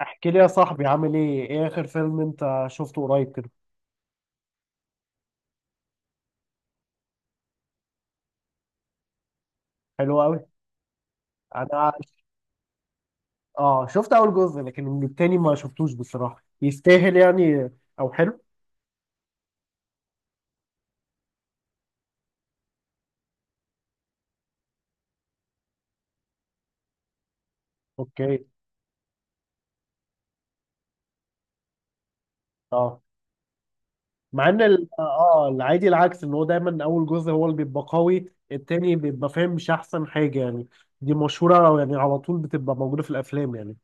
احكي لي يا صاحبي، عامل ايه اخر فيلم انت شفته قريب كده؟ حلو قوي. انا، اه شفت اول جزء، لكن التاني ما شفتوش بصراحة. يستاهل يعني او حلو؟ اوكي. اه، مع ان العادي العكس، ان هو دايما اول جزء هو اللي بيبقى قوي، التاني بيبقى فاهم مش احسن حاجة يعني. دي مشهورة أو يعني على طول بتبقى موجودة في الافلام يعني.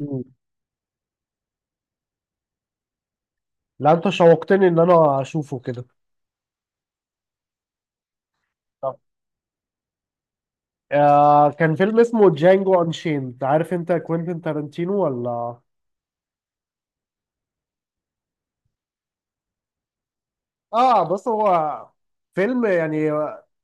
مم. لا، انت شوقتني ان انا اشوفه كده. طب، كان فيلم اسمه جانجو انشيند، عارف انت كوينتين تارانتينو ولا؟ اه، بص، هو فيلم يعني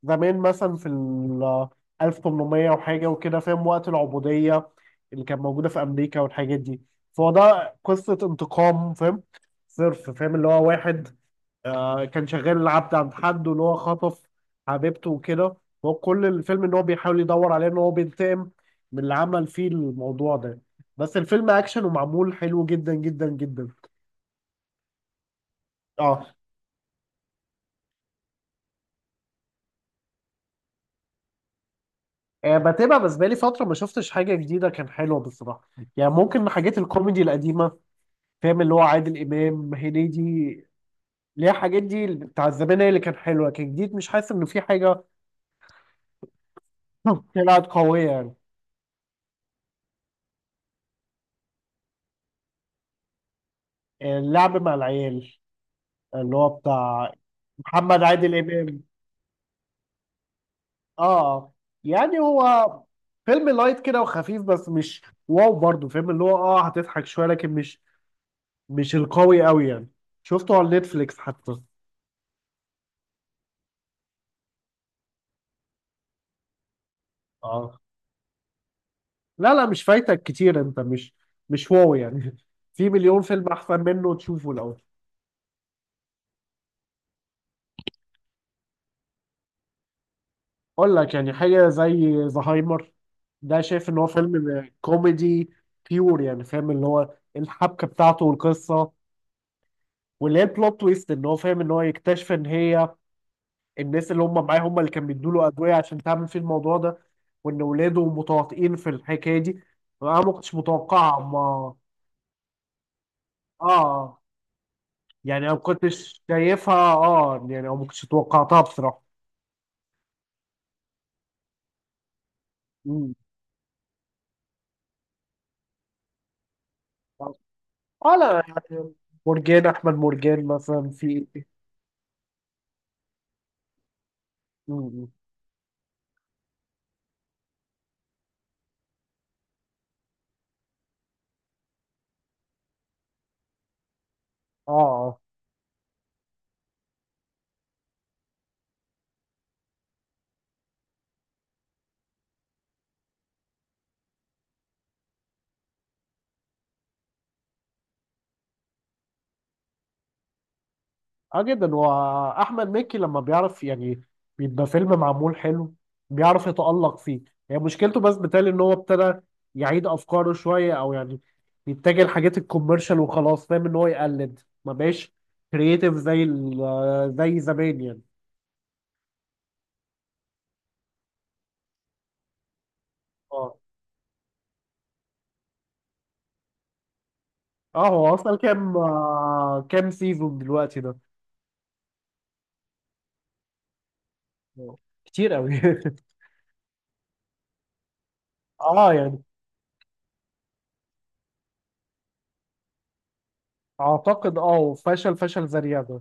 زمان مثلا في ال 1800 وحاجه وكده، فاهم؟ وقت العبوديه اللي كانت موجوده في امريكا والحاجات دي. فهو ده قصه انتقام، فاهم؟ صرف، فاهم؟ اللي هو واحد كان شغال العبد عند حد، واللي هو خطف حبيبته وكده. هو كل الفيلم ان هو بيحاول يدور عليه، ان هو بينتقم من اللي عمل فيه الموضوع ده. بس الفيلم اكشن ومعمول حلو جدا جدا جدا. اه. بتابع، بس بقالي فترة ما شفتش حاجة جديدة كان حلوة بصراحة. يعني ممكن حاجات الكوميدي القديمة، فاهم؟ اللي هو عادل إمام، هنيدي. اللي هي الحاجات دي بتاع زمان هي اللي كان حلوة، كان جديد، مش حاسس إن في حاجة. طلعت قوية يعني. اللعب مع العيال، اللي هو بتاع محمد عادل إمام. آه يعني هو فيلم لايت كده وخفيف، بس مش واو برضه، فاهم؟ اللي هو هتضحك شوية، لكن مش القوي قوي يعني. شفته على نتفليكس حتى. آه لا، لا، مش فايتك كتير، انت مش واو يعني. في مليون فيلم احسن منه تشوفه لو. اقول لك يعني حاجه زي زهايمر، ده شايف ان هو فيلم كوميدي بيور، يعني فاهم؟ اللي هو الحبكه بتاعته والقصه، واللي هي البلوت تويست ان هو فاهم، ان هو يكتشف ان هي الناس اللي هم معاه هم اللي كانوا بيدوا له ادويه عشان تعمل فيه الموضوع ده، وان ولاده متواطئين في الحكايه دي. انا ما كنتش متوقعها، ما اه يعني انا ما كنتش شايفها. اه يعني انا ما كنتش توقعتها بصراحه. مم. اه، لا يعني مرجان احمد مرجان مثلا في... مم. اه، اه. اه، جدا. واحمد مكي لما بيعرف يعني، بيبقى فيلم معمول حلو، بيعرف يتألق فيه. يعني مشكلته بس بتالي ان هو ابتدى يعيد افكاره شويه، او يعني يتجه لحاجات الكوميرشال وخلاص، فاهم؟ ان هو يقلد، ما بقاش كرييتيف زي زمان يعني. اه، اه. هو اصلا كام، سيزون دلوقتي ده؟ آه. كتير قوي. اه، يعني اعتقد، اه. وفشل فشل ذريع ده.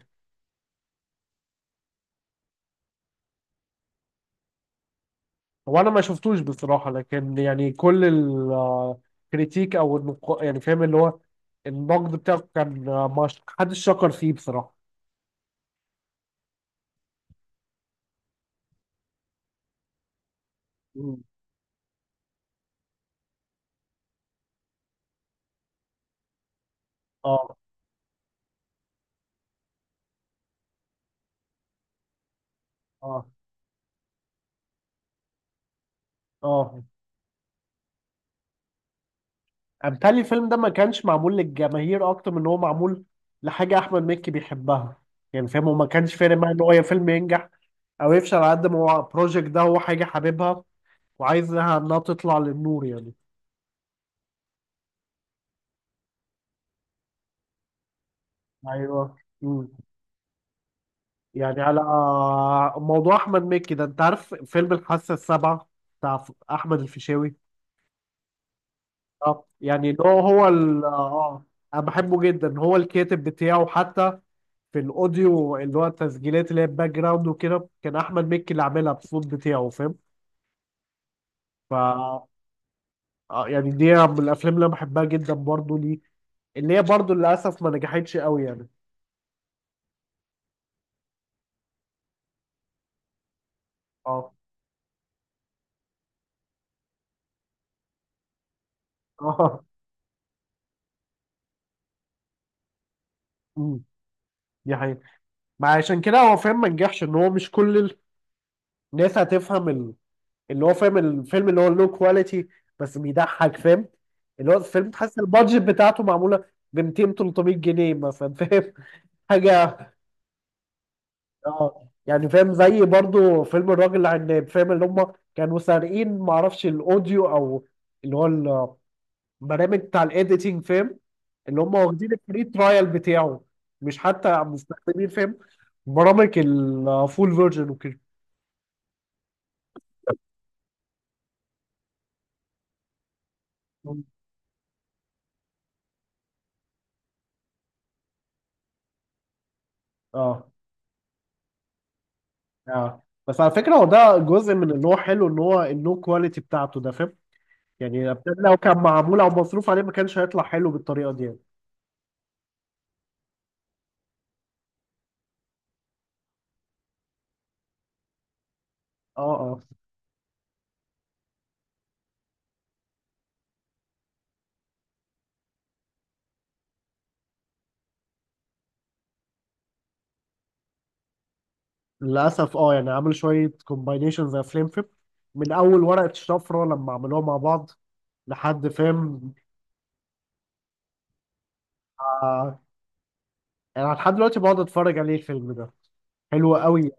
هو انا ما شفتوش بصراحه، لكن يعني كل الكريتيك او يعني فاهم؟ اللي هو النقد بتاعه كان، آه، ما ش- حدش شكر فيه بصراحه. مم. اه، اه، اه. امثال الفيلم ده ما كانش معمول للجماهير، اكتر من ان هو معمول لحاجه احمد مكي بيحبها، يعني فاهم؟ وما كانش فارق معاه ان هو يا فيلم ينجح او يفشل، على قد ما هو البروجكت ده هو حاجه حاببها وعايزها انها تطلع للنور يعني. ايوه. مم. يعني على موضوع احمد مكي ده، انت عارف فيلم الحاسه السابعه بتاع احمد الفيشاوي؟ اه، يعني اللي هو هو انا بحبه جدا، هو الكاتب بتاعه حتى. في الاوديو اللي هو التسجيلات اللي هي الباك جراوند وكده، كان احمد مكي اللي عاملها بالصوت بتاعه، فاهم؟ ف آه، يعني دي من الافلام اللي انا بحبها جدا برضه ليه، اللي هي برضه للاسف ما نجحتش قوي يعني. اه. اه. أمم، دي حقيقة. ما عشان كده هو، فاهم؟ ما نجحش، ان هو مش كل الناس هتفهم اللي هو، فاهم الفيلم اللي هو لو كواليتي بس بيضحك، فاهم؟ اللي هو الفيلم تحس البادجت بتاعته معموله ب 200 300 جنيه مثلا، فاهم؟ حاجه. اه، يعني فاهم؟ زي برضو فيلم الراجل العناب، فاهم؟ اللي هم كانوا سارقين، معرفش الاوديو او اللي هو البرامج بتاع الايديتنج، فاهم؟ اللي هم واخدين الفري ترايل بتاعه، مش حتى مستخدمين، فاهم؟ برامج الفول فيرجن وكده. اه، اه. بس على فكرة هو ده جزء من ان هو حلو، ان هو النو كواليتي بتاعته ده، فاهم؟ يعني الأبدان لو كان معمول او مصروف عليه، ما كانش هيطلع حلو بالطريقة دي يعني. اه، اه. للأسف، يعني عمل شوية كومباينيشنز يا فليم فيب، من أول ورقة شفرة لما عملوها مع بعض لحد، فاهم؟ آه يعني لحد دلوقتي بقعد اتفرج عليه، الفيلم ده حلو قوي.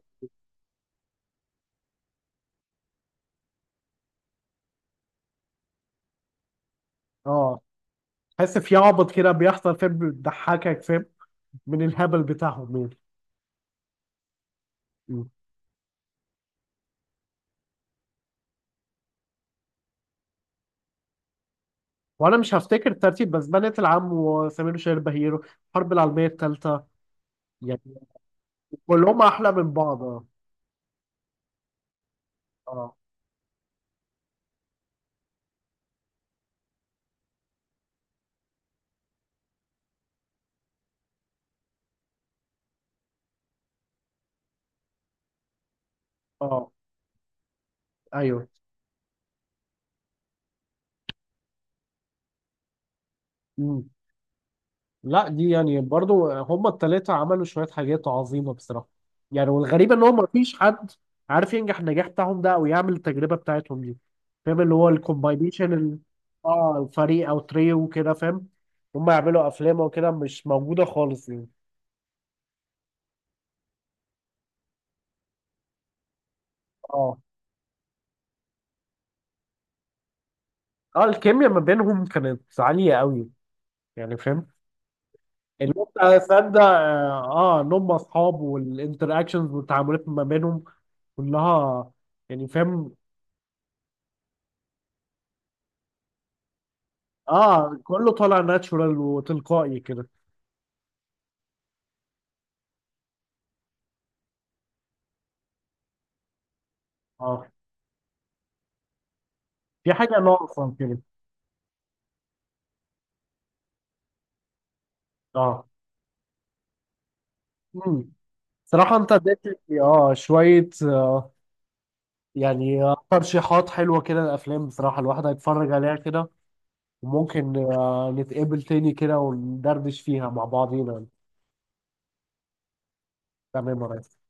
اه. تحس في عبط كده بيحصل، فاهم؟ بيضحكك، فاهم؟ من الهبل بتاعهم يعني. وانا مش هفتكر الترتيب، بس بنات العم وسمير وشهير بهيرو، الحرب العالميه الثالثه. يعني كلهم احلى من بعض، اه. اه. آه، ايوه. مم. لا، دي يعني برضو هما الثلاثه عملوا شويه حاجات عظيمه بصراحه. يعني، والغريب ان هو ما فيش حد عارف ينجح النجاح بتاعهم ده، او يعمل التجربه بتاعتهم دي، فاهم؟ اللي هو الكومباينيشن اه، الفريق او تريو وكده، فاهم؟ هما يعملوا افلام وكده مش موجوده خالص يعني. اه، اه. الكيميا ما بينهم كانت عاليه قوي يعني، فاهم؟ المتعة السادة، اه. ان هم اصحاب، والانتراكشنز والتعاملات ما بينهم كلها يعني، فاهم؟ اه، كله طالع ناتشورال وتلقائي كده. اه، في حاجة ناقصة كده. اه، امم. صراحة انت اديتني شوية يعني ترشيحات حلوة كده الافلام، بصراحة الواحد هيتفرج عليها كده، وممكن نتقابل تاني كده وندردش فيها مع بعضينا. تمام يا ريس.